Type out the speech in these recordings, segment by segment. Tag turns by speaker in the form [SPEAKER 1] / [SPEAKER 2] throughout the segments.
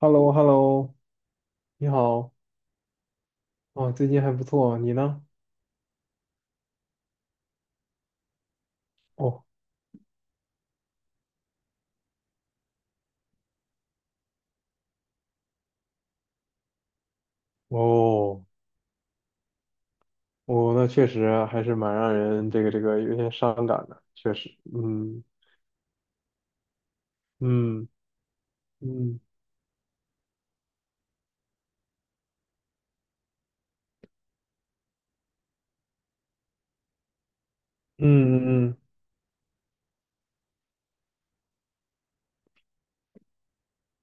[SPEAKER 1] h e l l o h e l l o 你好，哦，最近还不错，你呢？哦，哦，哦，那确实还是蛮让人这个有点伤感的，确实，嗯嗯嗯嗯嗯嗯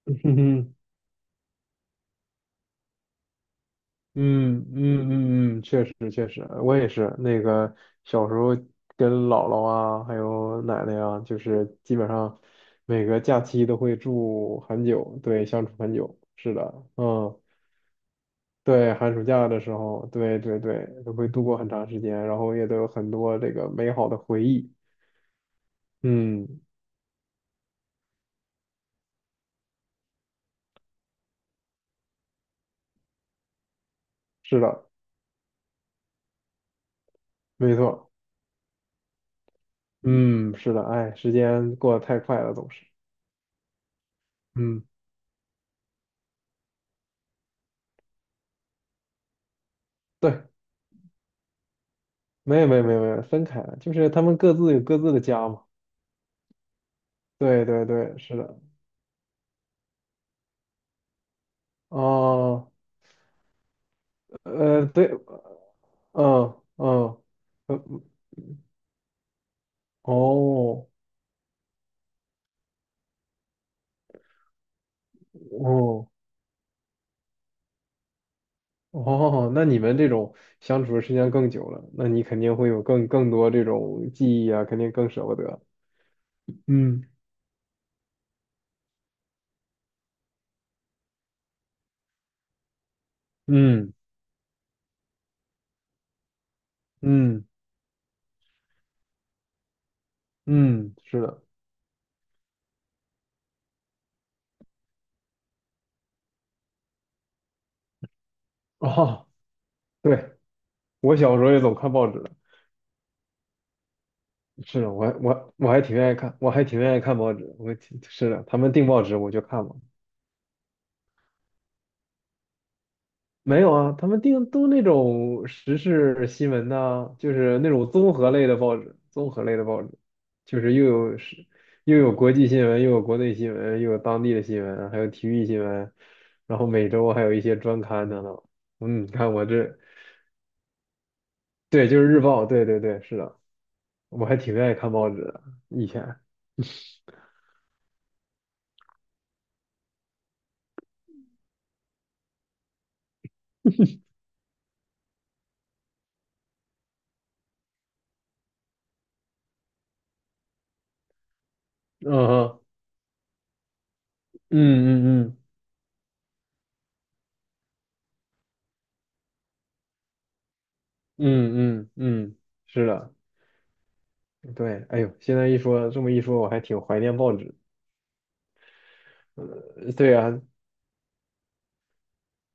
[SPEAKER 1] 嗯嗯嗯嗯，嗯嗯确实确实，我也是那个小时候跟姥姥啊，还有奶奶啊，就是基本上每个假期都会住很久，对，相处很久，是的，嗯。对，寒暑假的时候，对对对，都会度过很长时间，然后也都有很多这个美好的回忆。嗯，是的，没错。嗯，是的，哎，时间过得太快了，总是。嗯，对，没有没有没有没有，分开了，就是他们各自有各自的家嘛。对对对，是的。哦，对，嗯嗯，呃哦哦，哦，那你们这种相处的时间更久了，那你肯定会有更多这种记忆啊，肯定更舍不得。嗯嗯嗯嗯，是的。哦，对，我小时候也总看报纸的，是的，我还挺愿意看，我还挺愿意看报纸。我挺是的，他们订报纸我就看嘛。没有啊，他们订都那种时事新闻呐、就是那种综合类的报纸，综合类的报纸，就是又有时又有国际新闻，又有国内新闻，又有当地的新闻，还有体育新闻，然后每周还有一些专刊等等。嗯，看我这，对，就是日报，对对对，是的，我还挺愿意看报纸的，以前，嗯哼，嗯嗯嗯嗯嗯嗯，是的，对，哎呦，现在一说这么一说，我还挺怀念报纸。呃，对啊，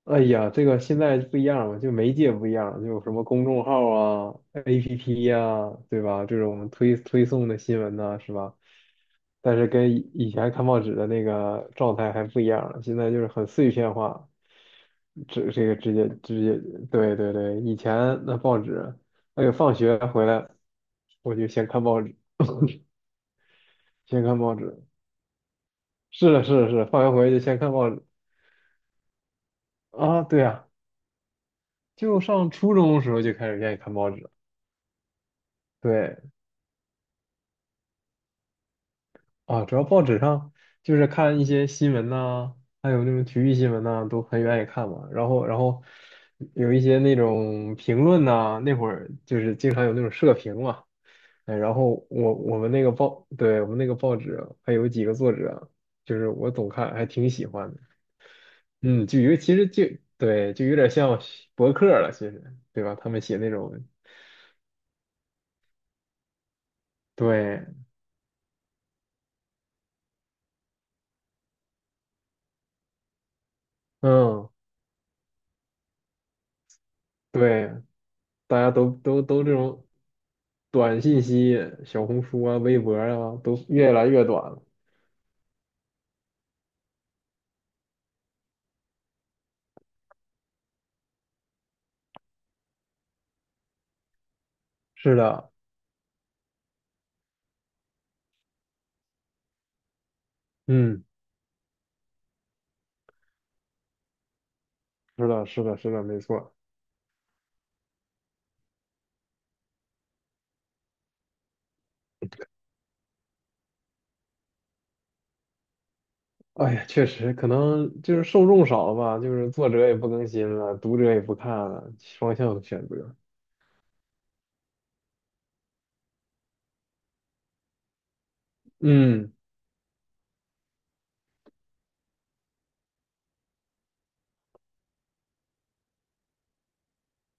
[SPEAKER 1] 哎呀，这个现在不一样了，就媒介不一样了，就有什么公众号啊、APP 呀、对吧？这种推送的新闻呐、是吧？但是跟以前看报纸的那个状态还不一样了，现在就是很碎片化，这个直接直接，对对对，以前那报纸，哎呦，放学回来我就先看报纸，先看报纸，是的，是的，是的，放学回来就先看报纸啊，对啊，就上初中的时候就开始愿意看报纸了对。啊，主要报纸上就是看一些新闻呐、还有那种体育新闻呐、都很愿意看嘛。然后，然后有一些那种评论呐、那会儿就是经常有那种社评嘛。哎，然后我们那个报，对，我们那个报纸还有几个作者，就是我总看，还挺喜欢的。嗯，就有其实就对，就有点像博客了，其实对吧？他们写那种对，嗯，对，大家都这种短信息，小红书啊、微博啊，都越来越短了。是的，嗯，是的，是的，是的，没错。哎呀，确实，可能就是受众少了吧，就是作者也不更新了，读者也不看了，双向选择。嗯，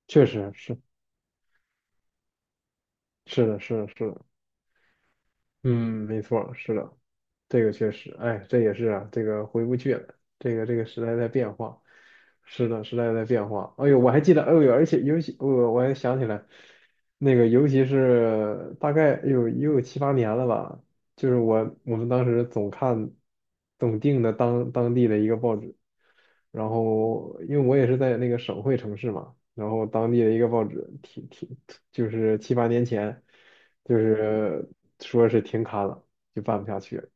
[SPEAKER 1] 确实是，是的，是的，是的，嗯，没错，是的。这个确实，哎，这也是啊，这个回不去了，这个时代在变化，是的，时代在变化。哎呦，我还记得，哎呦，而且尤其我还想起来，那个尤其是大概有也有七八年了吧，就是我们当时总看总订的当地的一个报纸，然后因为我也是在那个省会城市嘛，然后当地的一个报纸挺就是七八年前，就是说是停刊了，就办不下去了。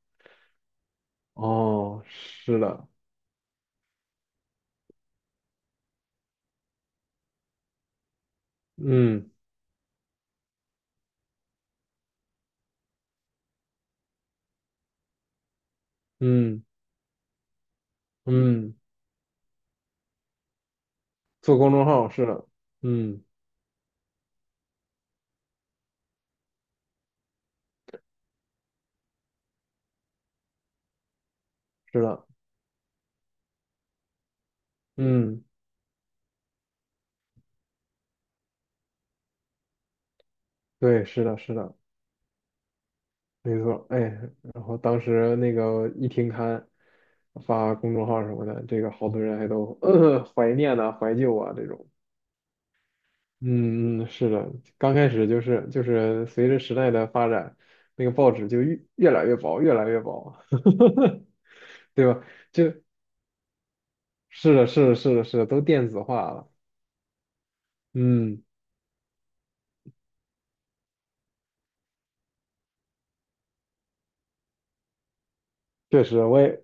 [SPEAKER 1] 哦，是的，嗯嗯嗯，做公众号是的，嗯是的，嗯对，是的是的，没错，哎，然后当时那个一停刊发公众号什么的，这个好多人还都、怀念呢，怀旧啊这种，嗯嗯，是的，刚开始就是就是随着时代的发展，那个报纸就越来越薄，越来越薄，对吧？是的是的是的是的，都电子化了，嗯，确实我也。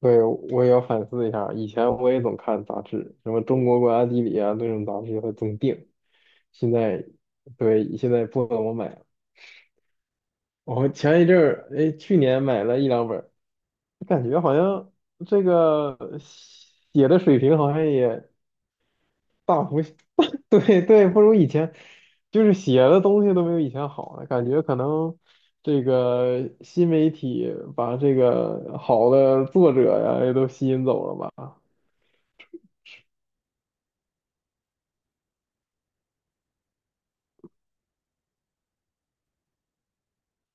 [SPEAKER 1] 对，我也要反思一下。以前我也总看杂志，什么《中国国家地理》啊，那种杂志会总订。现在，对，现在不怎么买了。我前一阵儿，哎，去年买了一两本儿，感觉好像这个写的水平好像也大幅，对对，不如以前，就是写的东西都没有以前好了。感觉可能这个新媒体把这个好的作者呀也都吸引走了吧。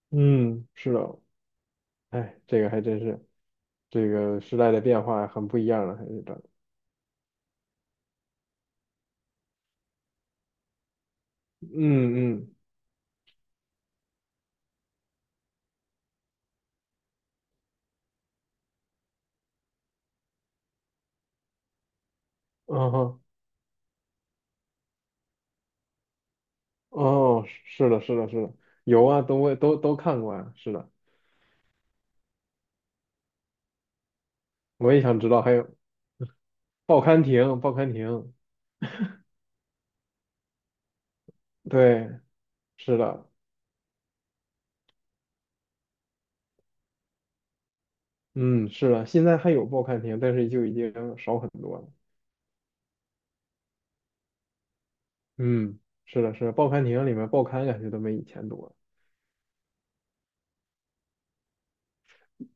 [SPEAKER 1] 嗯，是的，哎，这个还真是，这个时代的变化很不一样了，还是这，嗯嗯，嗯哼，哦，是的，是的，是的，有啊，都会都都看过啊，是的，我也想知道，还有报刊亭，报刊亭，对，是的，嗯，是的，现在还有报刊亭，但是就已经少很多了，嗯，是的，是的，报刊亭里面报刊感觉都没以前多了。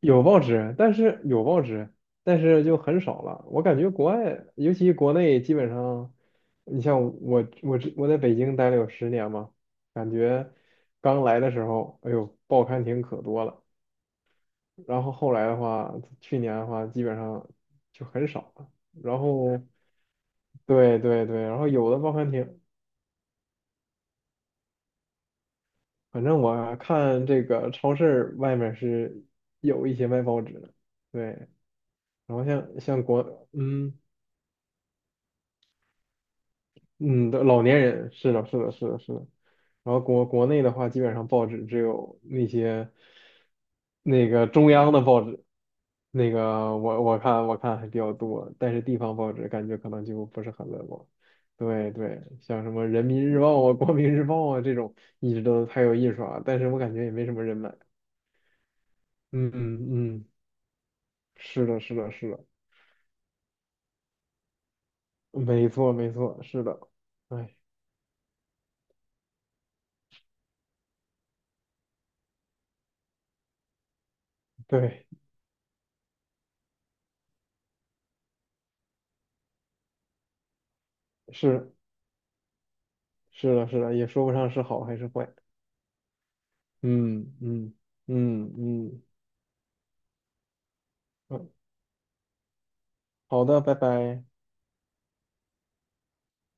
[SPEAKER 1] 有报纸，但是有报纸，但是就很少了。我感觉国外，尤其国内，基本上，你像我，我在北京待了有10年嘛，感觉刚来的时候，哎呦，报刊亭可多了。然后后来的话，去年的话，基本上就很少了。然后，对对对，然后有的报刊亭，反正我看这个超市外面是有一些卖报纸的，对。然后像像国，嗯。嗯，的老年人是的，是的，是的，是的。然后国内的话，基本上报纸只有那些那个中央的报纸，那个我看还比较多，但是地方报纸感觉可能就不是很乐观。对对，像什么人民日报啊、光明日报啊这种，一直都还有印刷，但是我感觉也没什么人买。嗯嗯嗯，是的，是的，是的，没错没错，是的，哎，对，是是的，是的，也说不上是好还是坏。嗯嗯嗯嗯，嗯好的，拜拜。